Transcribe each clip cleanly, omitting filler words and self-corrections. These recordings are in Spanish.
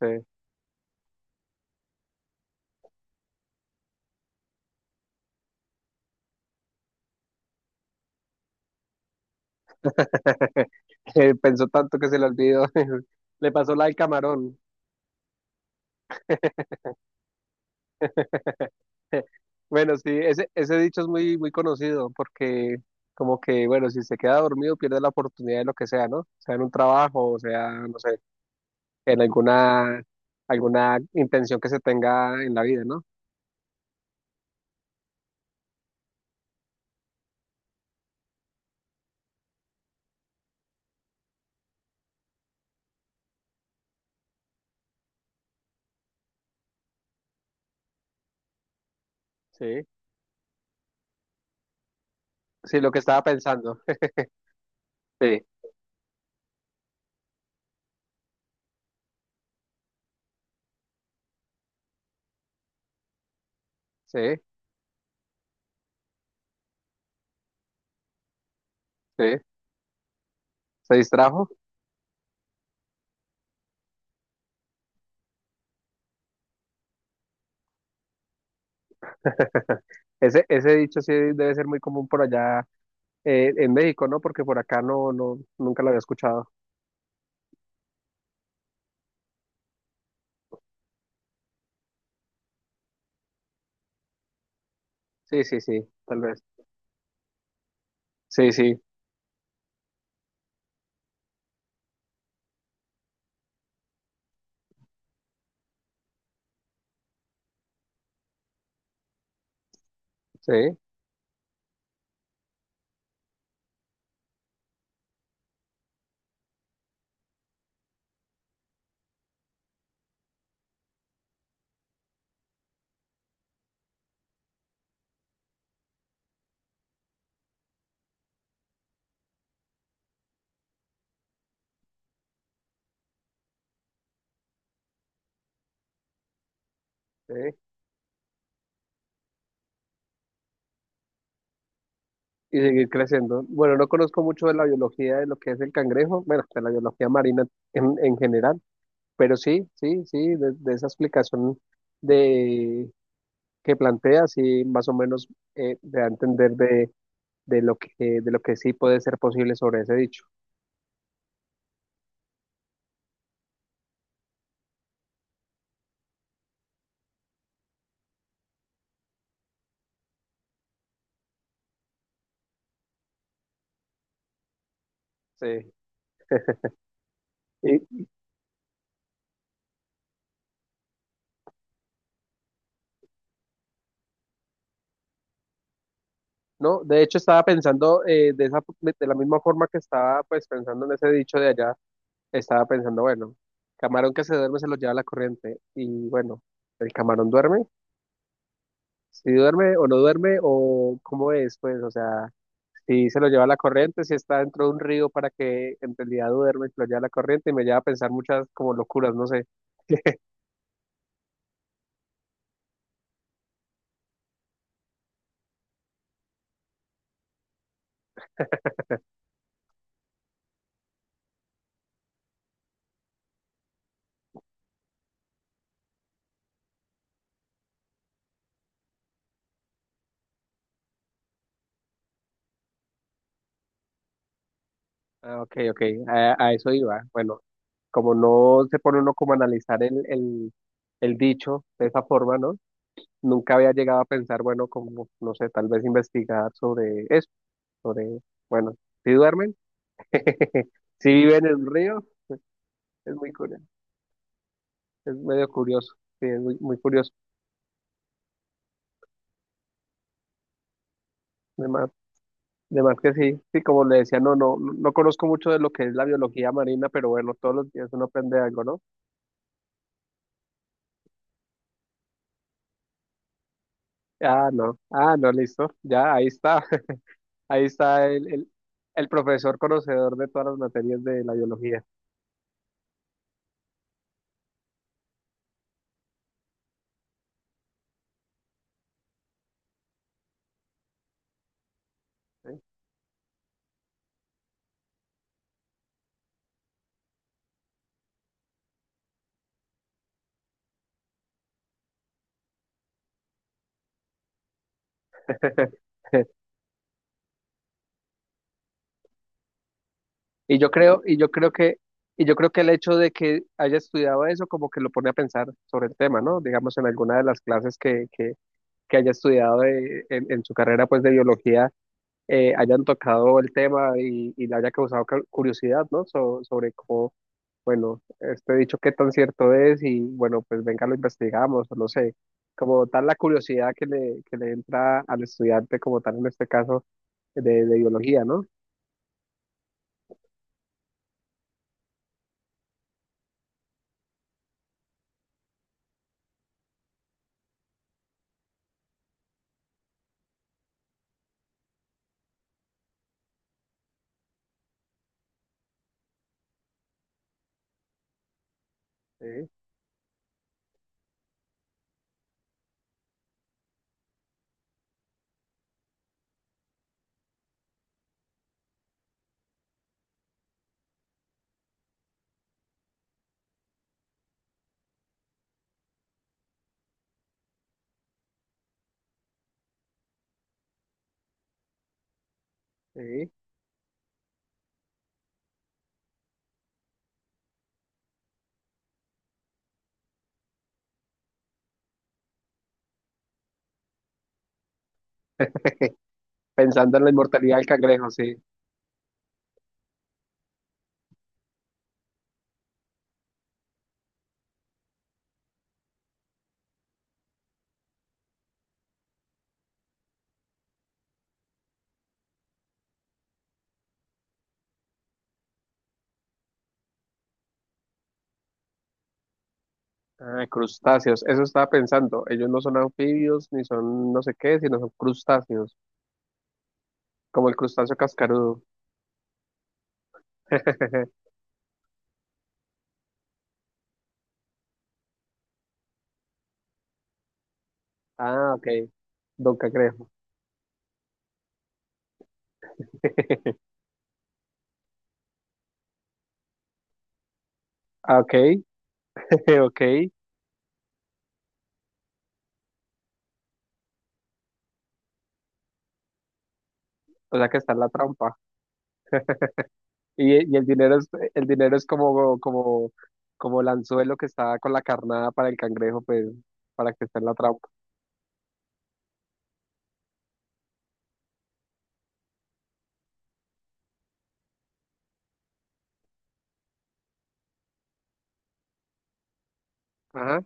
Sí. Pensó tanto que se le olvidó. Le pasó la del camarón. Bueno, sí, ese dicho es muy conocido porque como que, bueno, si se queda dormido pierde la oportunidad de lo que sea, ¿no? Sea en un trabajo, o sea, no sé, en alguna, alguna intención que se tenga en la vida, ¿no? Sí, sí, lo que estaba pensando. Sí, sí, sí, se distrajo. Ese dicho sí debe ser muy común por allá. En México, ¿no? Porque por acá no, no, nunca lo había escuchado. Sí, sí, sí, tal vez. Sí, sí, sí, sí. Y seguir creciendo. Bueno, no conozco mucho de la biología de lo que es el cangrejo, bueno, de la biología marina en general, pero sí, sí, sí, de esa explicación de que plantea, sí, más o menos me da a entender de lo que, de lo que sí puede ser posible sobre ese dicho. Sí. Y, ¿no? De hecho, estaba pensando de esa, de la misma forma que estaba pues pensando en ese dicho de allá, estaba pensando, bueno, camarón que se duerme se lo lleva la corriente y bueno, el camarón duerme, si duerme o no duerme o cómo es, pues, o sea, si se lo lleva la corriente, si está dentro de un río para que en realidad duerme, se lo lleva la corriente y me lleva a pensar muchas como locuras, no sé. Ah, ok, ok, a eso iba. Bueno, como no se pone uno como a analizar el dicho de esa forma, ¿no? Nunca había llegado a pensar, bueno, como, no sé, tal vez investigar sobre eso, sobre, bueno, si duermen, si viven en el río, es muy curioso, es medio curioso, sí, es muy curioso. Además, además que sí, sí, como le decía, no, no, no conozco mucho de lo que es la biología marina, pero bueno, todos los días uno aprende algo, ¿no? Ah, no, ah, no, listo, ya, ahí está, ahí está el profesor conocedor de todas las materias de la biología. ¿Eh? Y yo creo que, y yo creo que el hecho de que haya estudiado eso como que lo pone a pensar sobre el tema, ¿no? Digamos, en alguna de las clases que haya estudiado en su carrera pues de biología, hayan tocado el tema y le haya causado curiosidad, ¿no? Sobre cómo, bueno, este dicho qué tan cierto es y bueno, pues venga, lo investigamos, o no sé, como tal la curiosidad que le entra al estudiante como tal en este caso de biología, ¿no? Sí, sí. Pensando en la inmortalidad del cangrejo, sí. Ah, crustáceos, eso estaba pensando. Ellos no son anfibios ni son no sé qué, sino son crustáceos, como el crustáceo cascarudo. Ah, ok. Don cangrejo. Ah, ok, ok. O sea que está en la trampa. Y el dinero es como, como, como el anzuelo que está con la carnada para el cangrejo, pues, para que esté en la trampa. Ajá.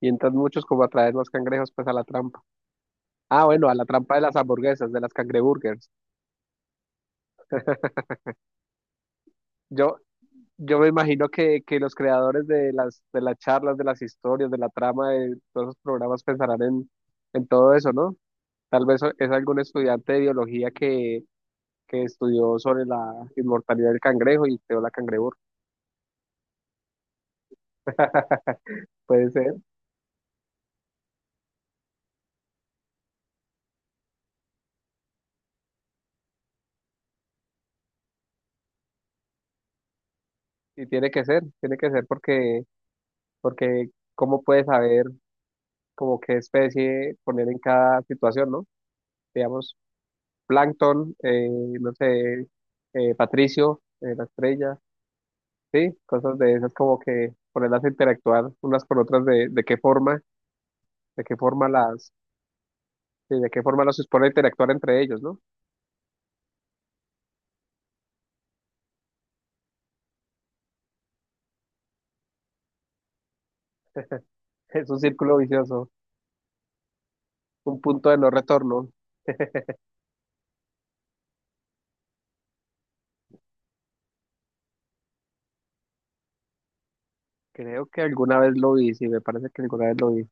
Y entran muchos como a traer los cangrejos, pues, a la trampa. Ah, bueno, a la trampa de las hamburguesas, de las cangreburgers. Yo, yo me imagino que los creadores de las charlas, de las historias, de la trama, de todos los programas pensarán en todo eso, ¿no? Tal vez es algún estudiante de biología que estudió sobre la inmortalidad del cangrejo y creó la cangreburger. Puede ser, y tiene que ser porque, porque cómo puedes saber como qué especie poner en cada situación, ¿no? Digamos, plancton, no sé, Patricio, la estrella, sí, cosas de esas como que ponerlas a interactuar unas con otras de qué forma las, sí, de qué forma las supone interactuar entre ellos, ¿no? Es un círculo vicioso, un punto de no retorno. Creo que alguna vez lo vi, sí, me parece que alguna vez lo vi.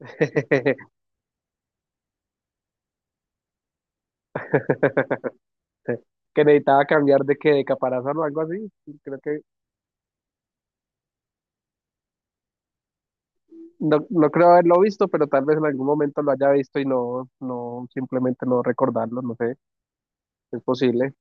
Sí, que necesitaba cambiar de que de caparazón o algo así. Y creo que no, no creo haberlo visto, pero tal vez en algún momento lo haya visto y no, no, simplemente no recordarlo, no sé, es posible.